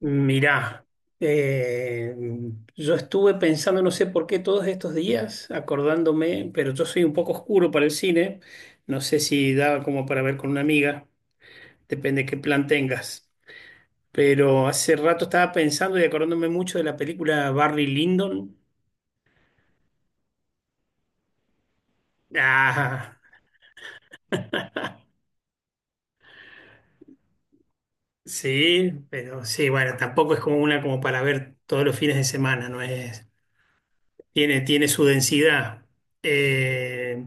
Mirá, eh, yo estuve pensando, no sé por qué todos estos días, acordándome, pero yo soy un poco oscuro para el cine, no sé si daba como para ver con una amiga, depende qué plan tengas, pero hace rato estaba pensando y acordándome mucho de la película Barry Lyndon. Ah, sí, pero sí, bueno, tampoco es como una como para ver todos los fines de semana, no es... Tiene su densidad. Eh,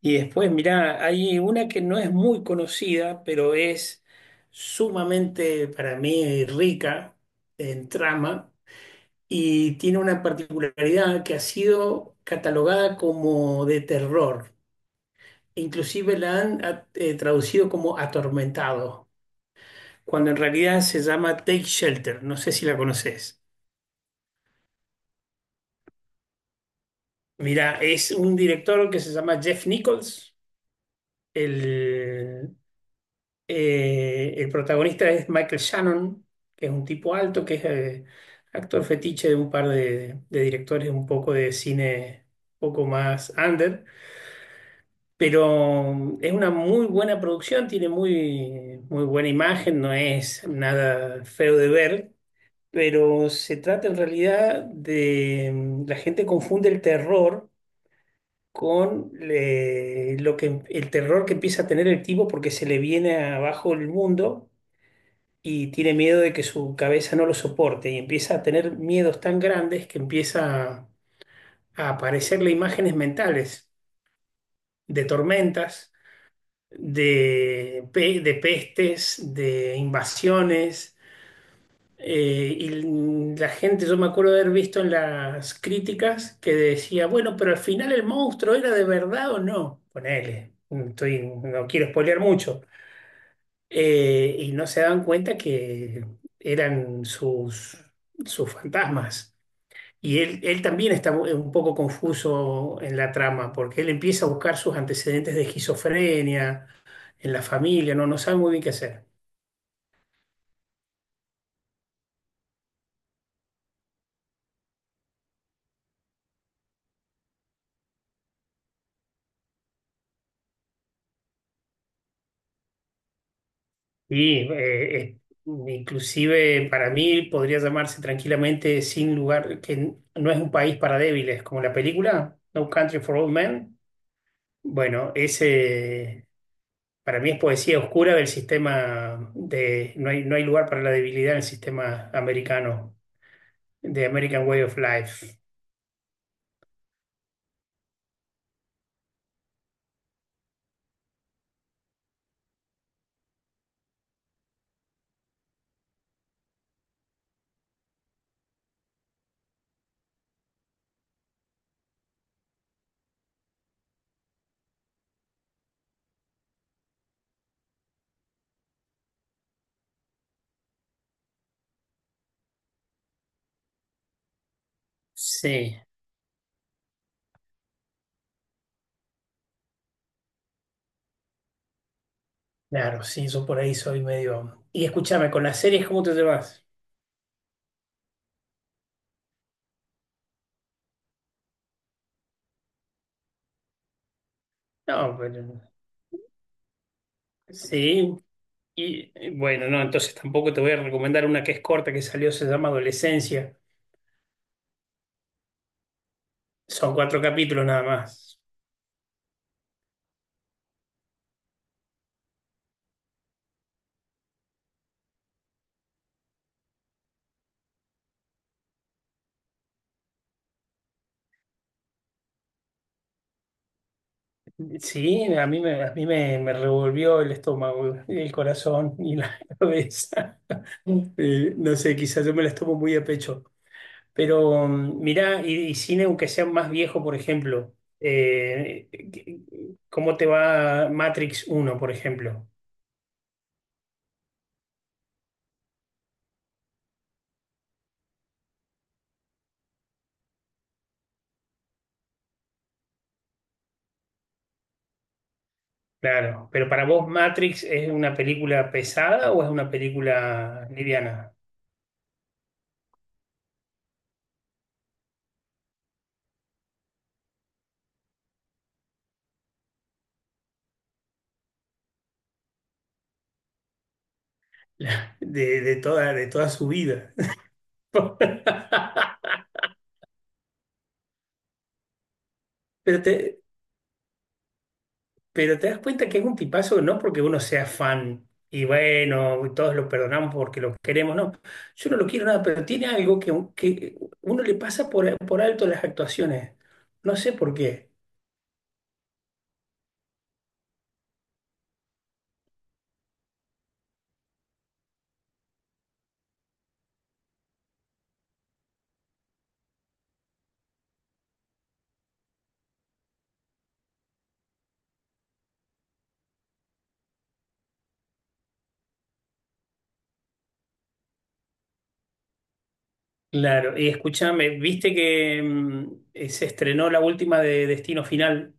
y después, mirá, hay una que no es muy conocida, pero es sumamente para mí rica en trama y tiene una particularidad que ha sido catalogada como de terror. Inclusive la han traducido como atormentado, cuando en realidad se llama Take Shelter. No sé si la conoces. Mira, es un director que se llama Jeff Nichols. El, el protagonista es Michael Shannon, que es un tipo alto, que es actor fetiche de un par de directores un poco de cine, un poco más under, pero es una muy buena producción, tiene muy, muy buena imagen, no es nada feo de ver, pero se trata en realidad de la gente confunde el terror con lo que el terror que empieza a tener el tipo porque se le viene abajo el mundo y tiene miedo de que su cabeza no lo soporte y empieza a tener miedos tan grandes que empieza a aparecerle imágenes mentales de tormentas, de, de pestes, de invasiones. Y la gente, yo me acuerdo de haber visto en las críticas que decía, bueno, pero al final el monstruo era de verdad o no. Ponele, estoy, no quiero spoilear mucho. Y no se daban cuenta que eran sus fantasmas. Y él también está un poco confuso en la trama, porque él empieza a buscar sus antecedentes de esquizofrenia en la familia, no, no sabe muy bien qué hacer. Y inclusive para mí podría llamarse tranquilamente sin lugar, que no es un país para débiles, como la película No Country for Old Men. Bueno, ese para mí es poesía oscura del sistema de, no hay lugar para la debilidad en el sistema americano, de American Way of Life. Sí, claro, sí, yo por ahí soy medio... Y escúchame, con las series, ¿cómo te llevas? No, pero... Sí, y bueno, no, entonces tampoco te voy a recomendar una que es corta, que salió, se llama Adolescencia. Son cuatro capítulos nada más. Sí, me revolvió el estómago, el corazón y la cabeza. No sé, quizás yo me las tomo muy a pecho. Pero mirá, y cine, aunque sea más viejo, por ejemplo, eh, ¿qué- ¿cómo te va Matrix uno, por ejemplo? Claro, pero ¿para vos Matrix es una película pesada o es una película liviana? De toda su vida. Pero te, Pero te das cuenta que es un tipazo, no porque uno sea fan y bueno, todos lo perdonamos porque lo queremos, no. Yo no lo quiero nada, pero tiene algo que uno le pasa por alto las actuaciones. No sé por qué. Claro, y escúchame, viste que se estrenó la última de Destino Final.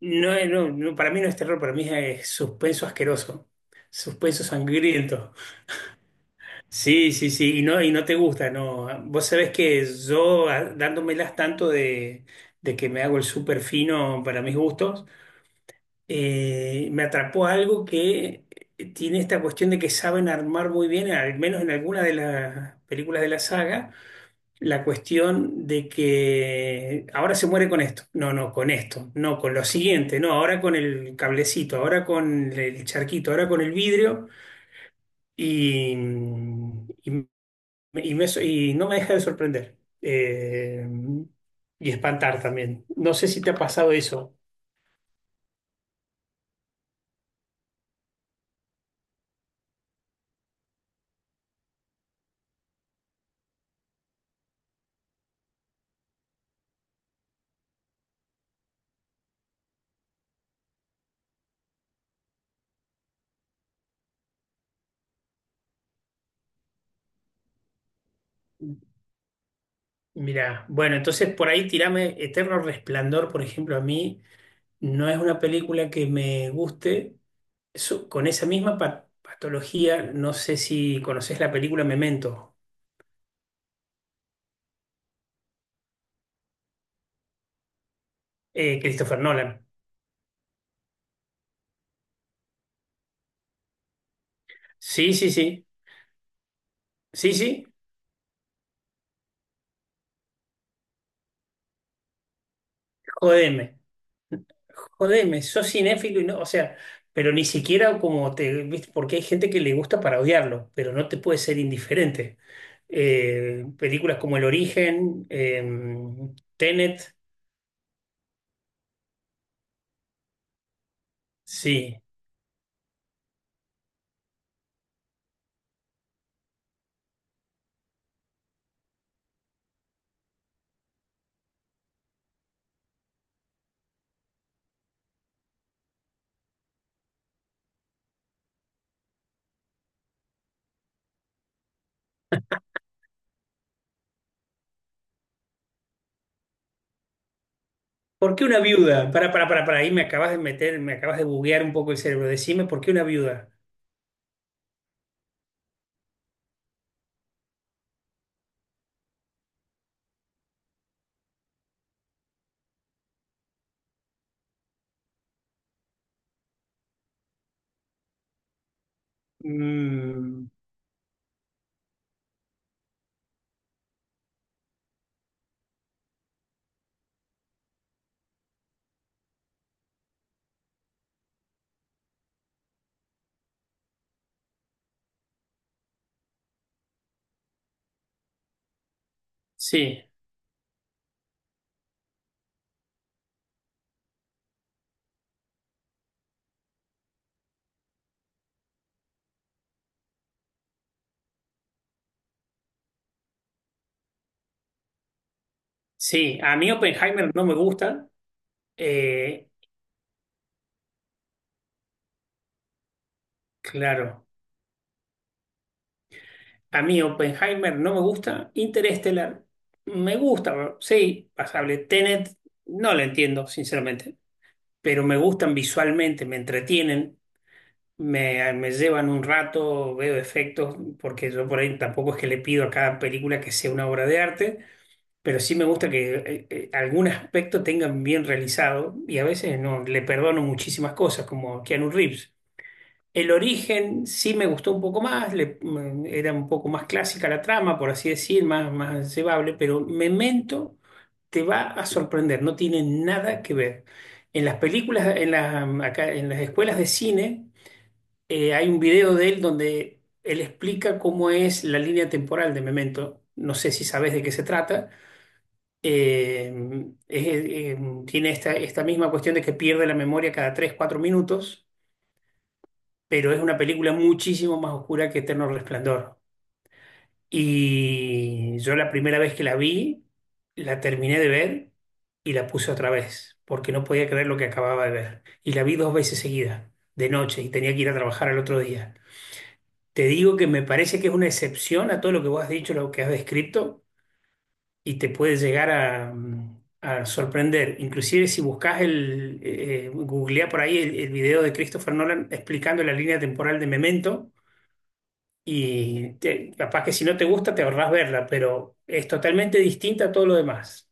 No, no, no, para mí no es terror, para mí es suspenso asqueroso, suspenso sangriento. Sí, sí, sí, y no te gusta, no. Vos sabés que yo, dándomelas tanto de que me hago el súper fino para mis gustos, me atrapó algo que tiene esta cuestión de que saben armar muy bien, al menos en alguna de las películas de la saga, la cuestión de que ahora se muere con esto, no, no, con esto, no, con lo siguiente, no, ahora con el cablecito, ahora con el charquito, ahora con el vidrio. Y, mm, y y no me deja de sorprender. Y espantar también. No sé si te ha pasado eso. Mira, bueno, entonces por ahí tirame Eterno Resplandor, por ejemplo, a mí no es una película que me guste. Con esa misma patología. No sé si conoces la película Memento. Christopher Nolan. Sí, sí, sí. Sí, sí. Jodeme. Jodeme, sos cinéfilo y no, o sea, pero ni siquiera como te, ¿viste? Porque hay gente que le gusta para odiarlo, pero no te puede ser indiferente. Películas como El Origen, Tenet, sí. ¿Por qué una viuda? Para, ahí me acabas de meter, me acabas de buguear un poco el cerebro. Decime, ¿por qué una viuda? Mm, sí, sí, a mí Oppenheimer no me gusta. Eh, claro. A mí Oppenheimer no me gusta. Interstellar me gusta, sí, pasable. Tenet no la entiendo, sinceramente, pero me gustan visualmente, me entretienen, me llevan un rato, veo efectos, porque yo por ahí tampoco es que le pido a cada película que sea una obra de arte, pero sí me gusta que algún aspecto tengan bien realizado y a veces no, le perdono muchísimas cosas, como a Keanu Reeves. El origen sí me gustó un poco más, era un poco más clásica la trama, por así decir, más, más llevable, pero Memento te va a sorprender, no tiene nada que ver. En las películas, acá, en las escuelas de cine, hay un video de él donde él explica cómo es la línea temporal de Memento. No sé si sabes de qué se trata. Eh, es, eh, Tiene esta misma cuestión de que pierde la memoria cada 3 4 minutos, pero es una película muchísimo más oscura que Eterno Resplandor. Y yo la primera vez que la vi, la terminé de ver y la puse otra vez, porque no podía creer lo que acababa de ver. Y la vi dos veces seguida, de noche, y tenía que ir a trabajar al otro día. Te digo que me parece que es una excepción a todo lo que vos has dicho, lo que has descrito, y te puede llegar a, a sorprender. Inclusive si buscas el, googleá por ahí el video de Christopher Nolan explicando la línea temporal de Memento. Capaz que si no te gusta, te ahorrás verla, pero es totalmente distinta a todo lo demás.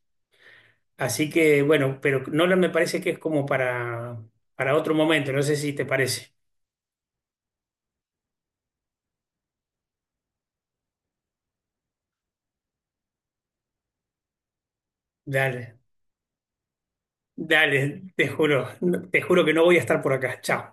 Así que, bueno, pero Nolan me parece que es como para otro momento, no sé si te parece. Dale, dale, te juro, te juro que no voy a estar por acá. Chao.